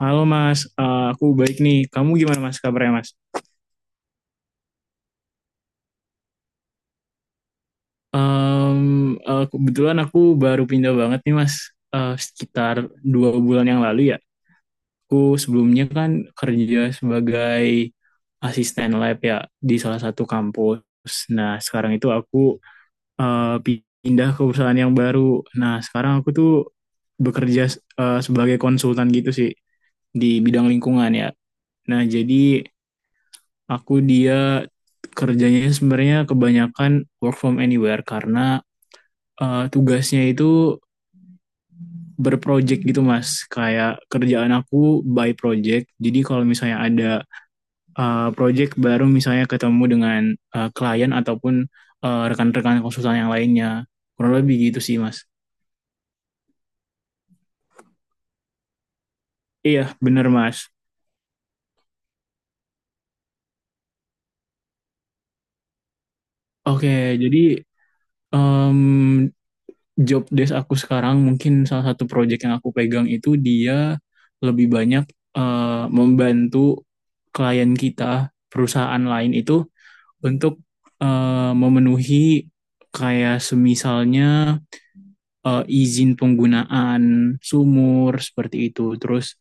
Halo Mas, aku baik nih. Kamu gimana Mas, kabarnya Mas? Em, kebetulan aku baru pindah banget nih Mas, sekitar 2 bulan yang lalu ya. Aku sebelumnya kan kerja sebagai asisten lab ya, di salah satu kampus. Nah sekarang itu aku eh, pindah ke perusahaan yang baru. Nah sekarang aku tuh bekerja sebagai konsultan gitu sih, di bidang lingkungan ya. Nah jadi dia kerjanya sebenarnya kebanyakan work from anywhere, karena tugasnya itu berproject gitu Mas. Kayak kerjaan aku by project. Jadi kalau misalnya ada project baru, misalnya ketemu dengan klien ataupun rekan-rekan konsultan yang lainnya. Kurang lebih gitu sih Mas. Iya, bener Mas. Oke, jadi em, job desk aku sekarang, mungkin salah satu project yang aku pegang itu dia lebih banyak membantu klien kita, perusahaan lain itu untuk memenuhi, kayak semisalnya izin penggunaan sumur seperti itu, terus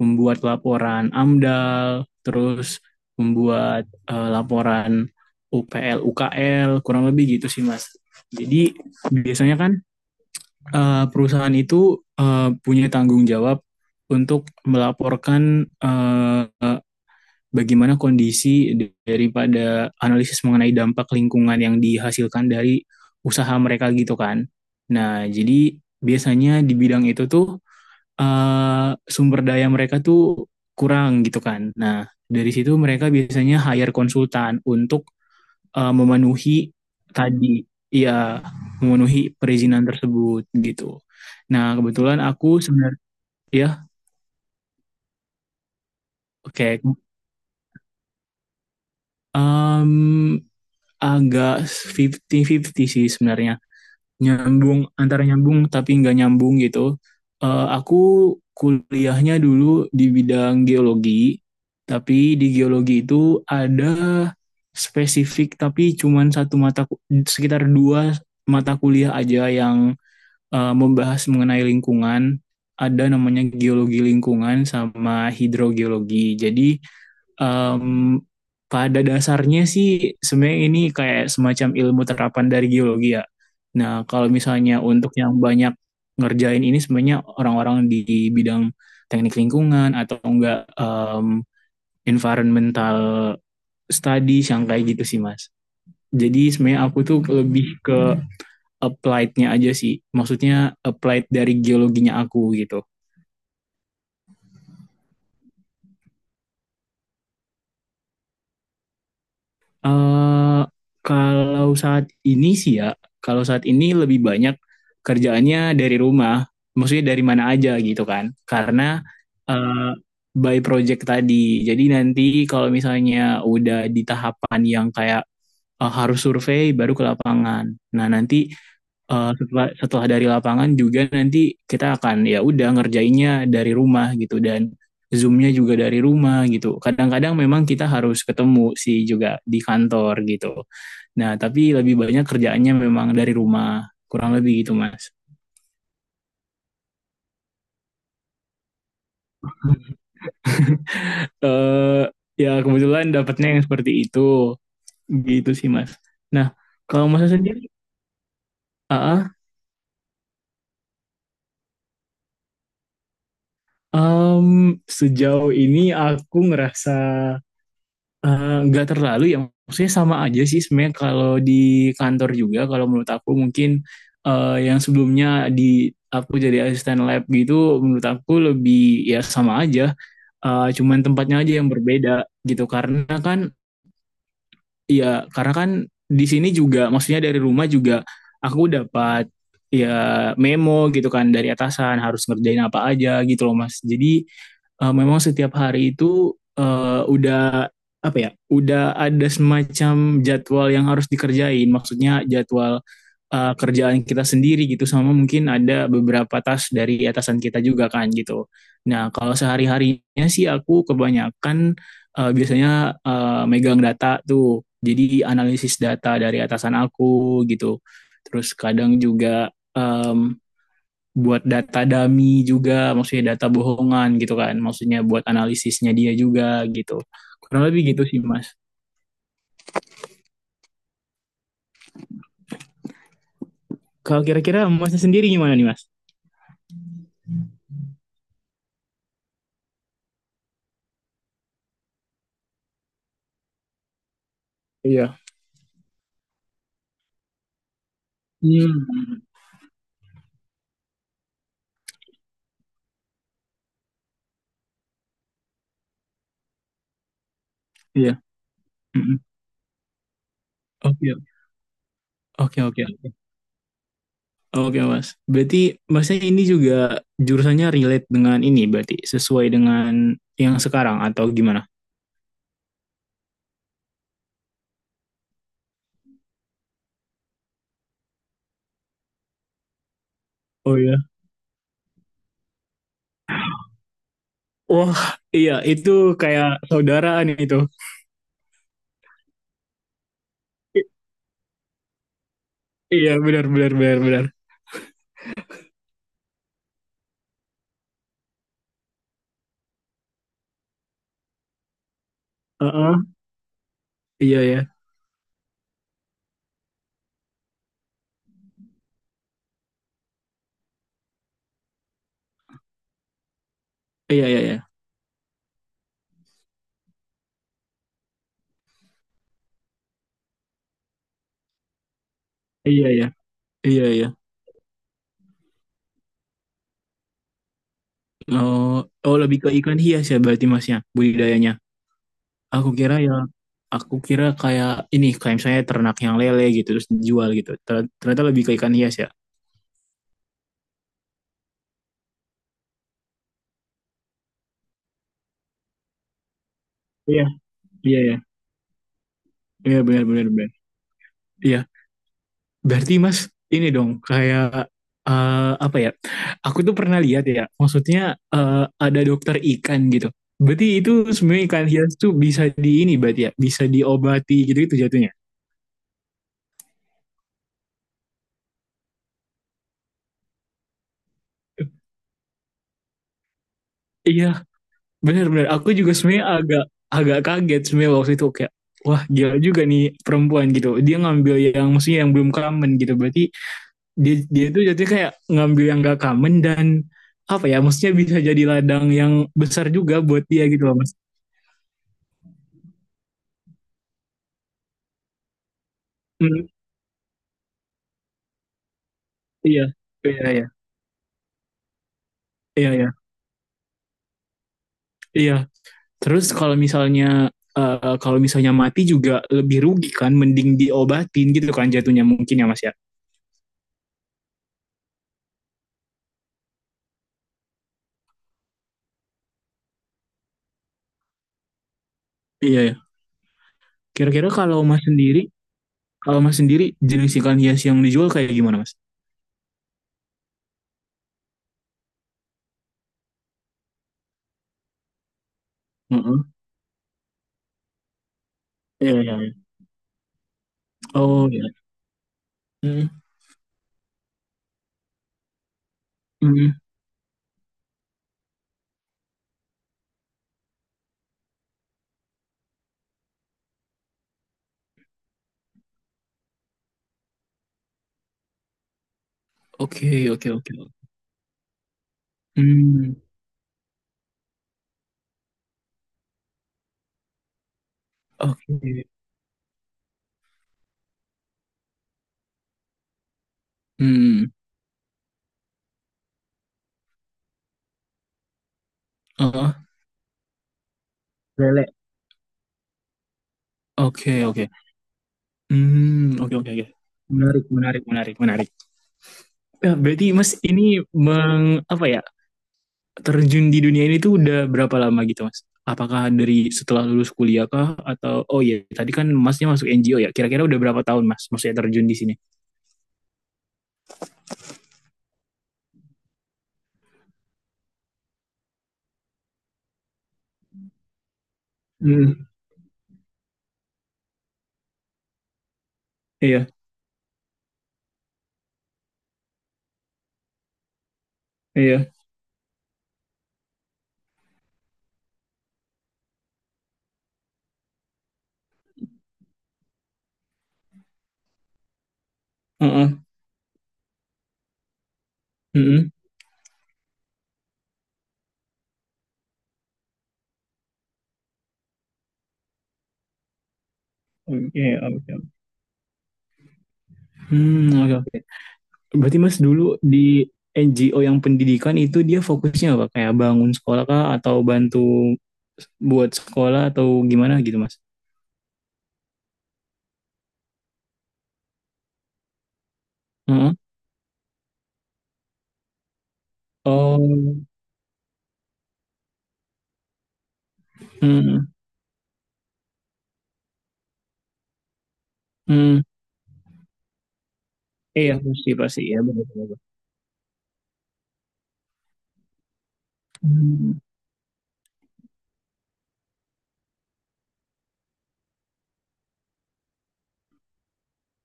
membuat laporan AMDAL, terus membuat laporan UPL UKL, kurang lebih gitu sih Mas. Jadi biasanya kan perusahaan itu punya tanggung jawab untuk melaporkan bagaimana kondisi daripada analisis mengenai dampak lingkungan yang dihasilkan dari usaha mereka gitu kan. Nah, jadi biasanya di bidang itu tuh sumber daya mereka tuh kurang gitu kan. Nah, dari situ mereka biasanya hire konsultan untuk memenuhi tadi, ya, memenuhi perizinan tersebut gitu. Nah, kebetulan aku sebenarnya ya, oke, em, agak fifty-fifty sih sebenarnya. Nyambung, antara nyambung tapi nggak nyambung gitu. Aku kuliahnya dulu di bidang geologi, tapi di geologi itu ada spesifik, tapi cuman satu mata, sekitar dua mata kuliah aja yang membahas mengenai lingkungan. Ada namanya geologi lingkungan sama hidrogeologi. Jadi em, pada dasarnya sih sebenarnya ini kayak semacam ilmu terapan dari geologi ya. Nah, kalau misalnya untuk yang banyak ngerjain ini, sebenarnya orang-orang di bidang teknik lingkungan atau enggak environmental studies yang kayak gitu sih, Mas. Jadi sebenarnya aku tuh lebih ke applied-nya aja sih. Maksudnya applied dari geologinya aku gitu. eh Kalau saat ini sih ya, kalau saat ini lebih banyak kerjaannya dari rumah, maksudnya dari mana aja gitu kan. Karena eh, by project tadi. Jadi nanti kalau misalnya udah di tahapan yang kayak harus survei, baru ke lapangan. Nah, nanti setelah setelah dari lapangan juga nanti kita akan, ya udah, ngerjainnya dari rumah gitu, dan zoomnya juga dari rumah gitu. Kadang-kadang memang kita harus ketemu sih juga di kantor gitu. Nah, tapi lebih banyak kerjaannya memang dari rumah, kurang lebih gitu, Mas. Eh ya, kebetulan dapatnya yang seperti itu gitu sih, Mas. Nah, kalau Mas sendiri, ah, ah, sejauh ini aku ngerasa nggak terlalu ya, maksudnya sama aja sih sebenarnya. Kalau di kantor juga, kalau menurut aku mungkin, yang sebelumnya di aku jadi asisten lab gitu, menurut aku lebih, ya, sama aja, cuman tempatnya aja yang berbeda gitu. Karena kan, ya, karena kan di sini juga, maksudnya dari rumah juga, aku dapat, ya, memo gitu kan dari atasan, harus ngerjain apa aja gitu loh Mas. Jadi, memang setiap hari itu udah, apa ya, udah ada semacam jadwal yang harus dikerjain, maksudnya jadwal kerjaan kita sendiri gitu, sama mungkin ada beberapa tas dari atasan kita juga kan gitu. Nah, kalau sehari harinya sih aku kebanyakan biasanya megang data tuh, jadi analisis data dari atasan aku gitu. Terus kadang juga buat data dummy juga, maksudnya data bohongan gitu kan, maksudnya buat analisisnya dia juga gitu. Kurang lebih gitu sih Mas. Kalau kira-kira Masnya sendiri gimana nih Mas? Iya. Hmm, iya. Mm-mm. Oke, oke, oke, oke. Oke Mas. Berarti Masnya ini juga jurusannya relate dengan ini, berarti sesuai dengan yang sekarang atau gimana? Oh iya. Wah, iya itu kayak saudaraan itu. I- iya, benar benar benar benar. Heeh. Iya ya. Iya iya iya. Iya ya. Iya iya. Oh, oh lebih ke ikan hias ya berarti masnya budidayanya. Aku kira ya, aku kira kayak ini, kayak misalnya ternak yang lele gitu terus dijual gitu. Ternyata lebih ke ikan hias ya. Iya, iya ya. Iya benar benar benar. Iya. Berarti Mas ini dong kayak eh, apa ya? Aku tuh pernah lihat ya, maksudnya ada dokter ikan gitu. Berarti itu sebenarnya ikan hias tuh bisa di ini berarti ya, bisa diobati gitu itu jatuhnya. Iya, bener-bener, aku juga sebenarnya agak agak kaget sebenarnya waktu itu, kayak wah, gila juga nih perempuan gitu. Dia ngambil yang, maksudnya yang belum common gitu. Berarti dia dia tuh jatuhnya kayak ngambil yang gak common, dan apa ya, maksudnya bisa jadi ladang yang besar juga buat dia gitu loh Mas. Hmm, iya. Iya iya. Iya iya. Iya. Terus kalau misalnya kalau misalnya mati juga lebih rugi kan, mending diobatin gitu kan jatuhnya mungkin, ya Mas ya. Iya ya. Kira-kira kalau Mas sendiri Kalau Mas sendiri, jenis ikan hias yang dijual kayak gimana, Mas? Mm. Iya, iya, iya. Oh ya. Hmm. Hmm. Oke, oke, oke. Hmm. Oke. Hmm. Oh, Lele, oke, oke. Hmm, oke, oke, oke. Menarik, menarik. Menarik, menarik. Ya, berarti Mas ini meng apa ya? Terjun di dunia ini tuh udah berapa lama gitu, Mas? Apakah dari setelah lulus kuliah kah, atau oh iya, tadi kan Masnya masuk NGO ya. Kira-kira udah berapa tahun, Mas? Maksudnya terjun di sini? Hmm. Iya, iya. Heeh. Mhm. Oke, oke, oke. Hmm, oke, oke. Berarti Mas dulu di NGO yang pendidikan itu dia fokusnya apa? Kayak bangun sekolah kah, atau bantu buat sekolah, atau gimana gitu, Mas? Heeh. Oh, hmm, hmm. Iya, pasti, pasti. Iya, benar, benar. Benar. Hmm.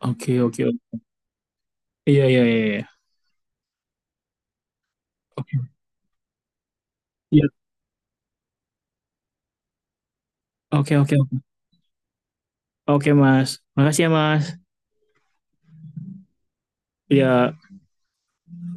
Oke, oke, oke. Iya, iya, iya. Iya. Oke. Iya. Oke, oke, oke. Oke, Mas. Makasih ya, Mas. Iya.